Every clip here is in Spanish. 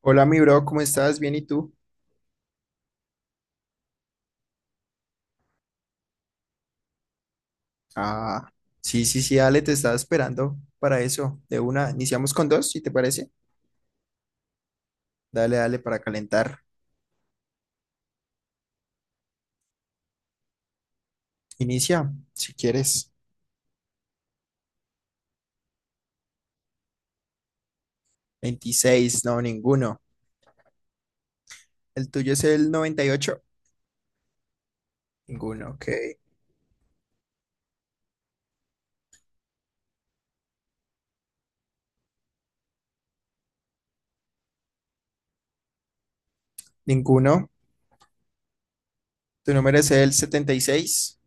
Hola, mi bro, ¿cómo estás? ¿Bien y tú? Ah, sí, sí, sí, dale, te estaba esperando para eso. De una, iniciamos con dos, si te parece. Dale, dale, para calentar. Inicia, si quieres. 26, no, ninguno. ¿El tuyo es el noventa y ocho? Ninguno, ok. Ninguno. ¿Tu número es el setenta y seis?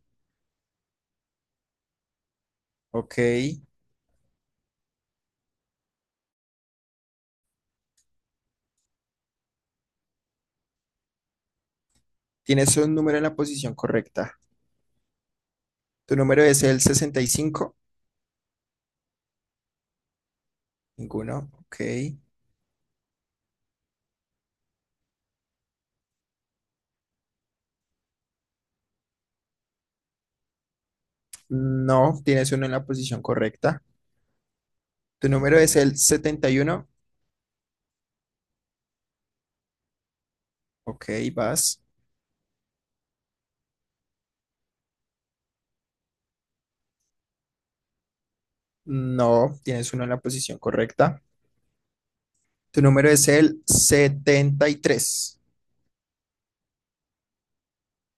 Ok. ¿Tienes un número en la posición correcta? ¿Tu número es el sesenta y cinco? Ninguno, ok. No, tienes uno en la posición correcta. ¿Tu número es el setenta y uno? Ok, vas. No, tienes uno en la posición correcta. Tu número es el 73.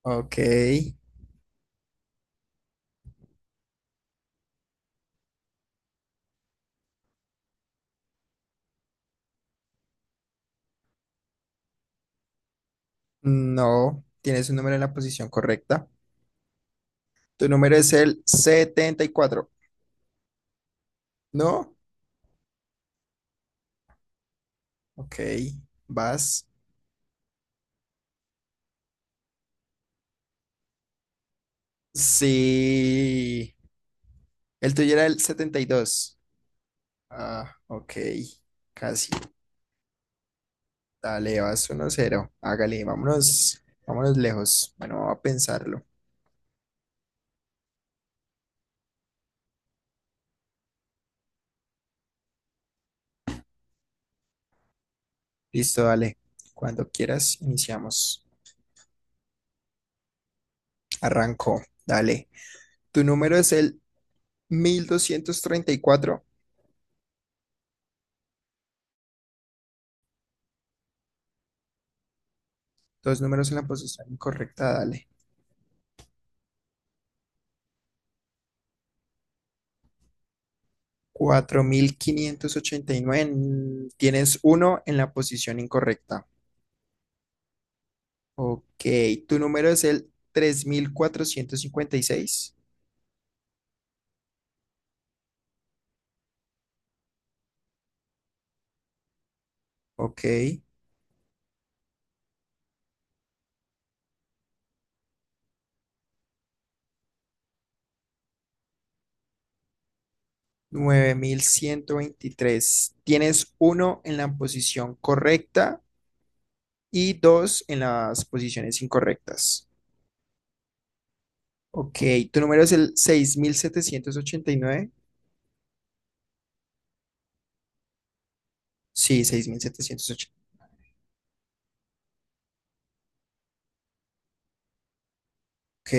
Ok. No, tienes un número en la posición correcta. Tu número es el 74. ¿No? Ok, vas. Sí. El tuyo era el 72. Ah, ok. Casi. Dale, vas uno cero. Hágale, vámonos. Vámonos lejos. Bueno, vamos a pensarlo. Listo, dale. Cuando quieras, iniciamos. Arrancó, dale. Tu número es el 1234. Dos números en la posición incorrecta, dale. 4589. Tienes uno en la posición incorrecta. Ok. Tu número es el 3456. Ok. Nueve mil ciento veintitrés. Tienes uno en la posición correcta y dos en las posiciones incorrectas. Ok. Tu número es el 6789. Sí, 6780. Ok.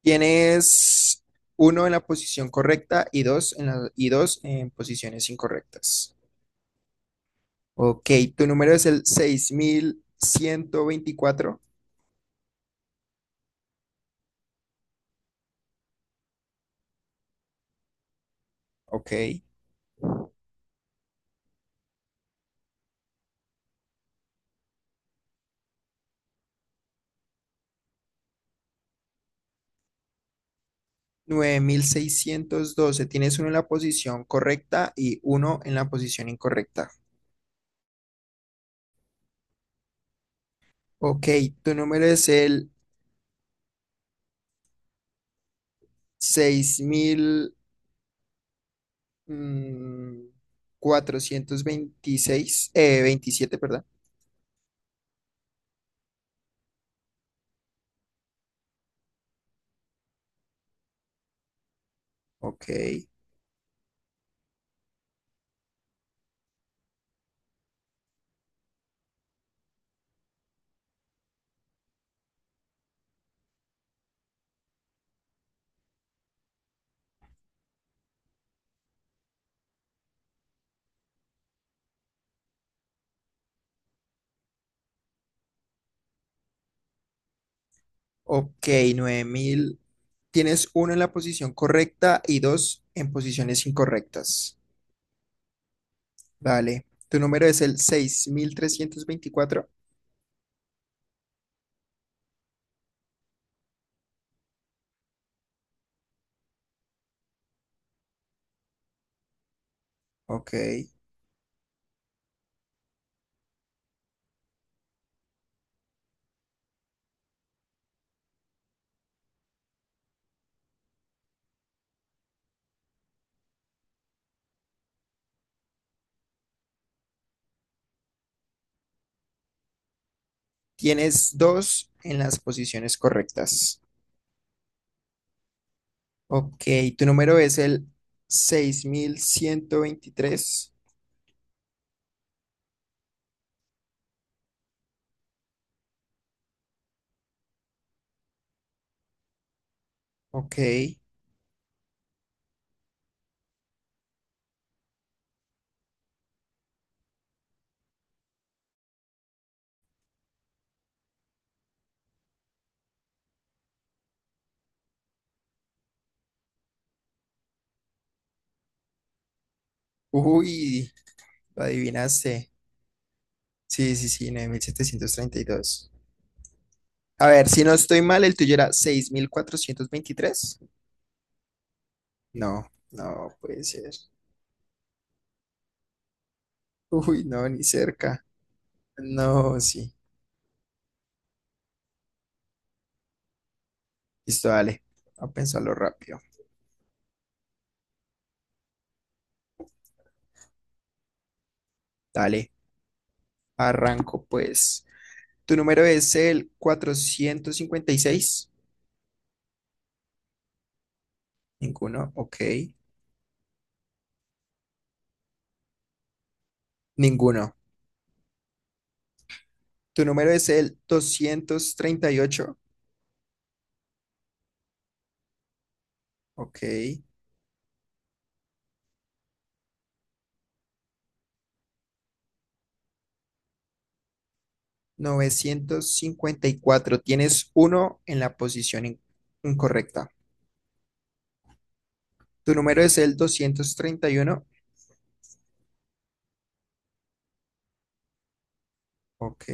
Tienes uno en la posición correcta y dos y dos en posiciones incorrectas. Ok, tu número es el 6124. Ok. Nueve mil seiscientos doce. Tienes uno en la posición correcta y uno en la posición incorrecta. Ok, tu número es el 6426, 27, perdón. Ok. Ok, 9000. Tienes uno en la posición correcta y dos en posiciones incorrectas. Dale. Tu número es el seis mil trescientos veinticuatro. Ok. Tienes dos en las posiciones correctas. Ok. Tu número es el 6123. Ok. Uy, lo adivinaste. Sí, sí, sí, 9732. A ver, si no estoy mal, el tuyo era 6423. No, no puede ser. Uy, no, ni cerca. No, sí. Listo, dale. A pensarlo rápido. Dale, arranco pues. ¿Tu número es el cuatrocientos cincuenta y seis? Ninguno, ok. Ninguno. ¿Tu número es el 238? Ok. Novecientos cincuenta y cuatro. Tienes uno en la posición incorrecta. ¿Tu número es el doscientos treinta y uno? Ok.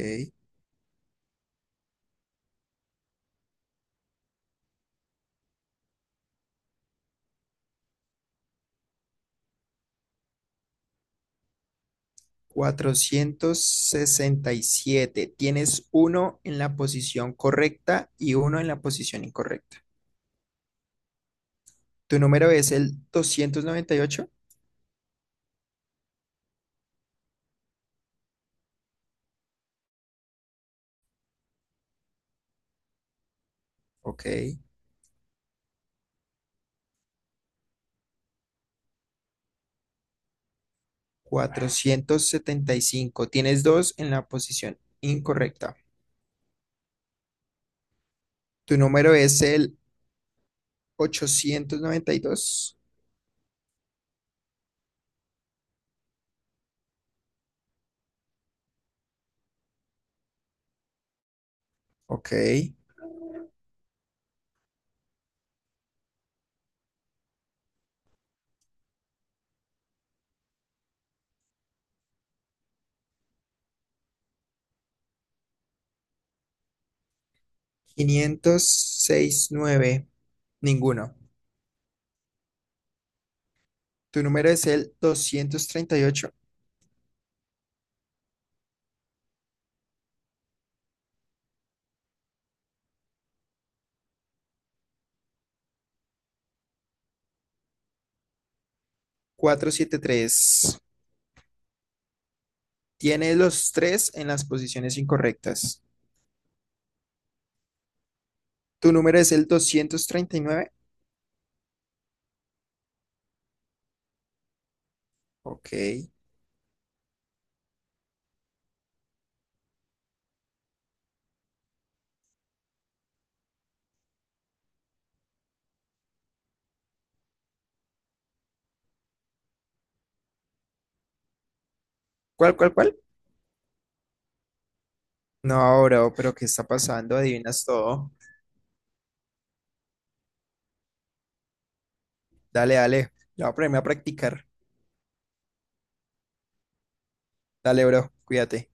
Cuatrocientos sesenta y siete. Tienes uno en la posición correcta y uno en la posición incorrecta. ¿Tu número es el 298? Ok. Cuatrocientos setenta y cinco. Tienes dos en la posición incorrecta. ¿Tu número es el 892? Ok. Quinientos sesenta y nueve. Ninguno. ¿Tu número es el 238? Tres Tiene los tres en las posiciones incorrectas. ¿Tu número es el doscientos treinta y nueve? Ok. ¿Cuál, cuál, cuál? No, bro, pero ¿qué está pasando? Adivinas todo. Dale, dale. Ya voy a ponerme a practicar. Dale, bro. Cuídate.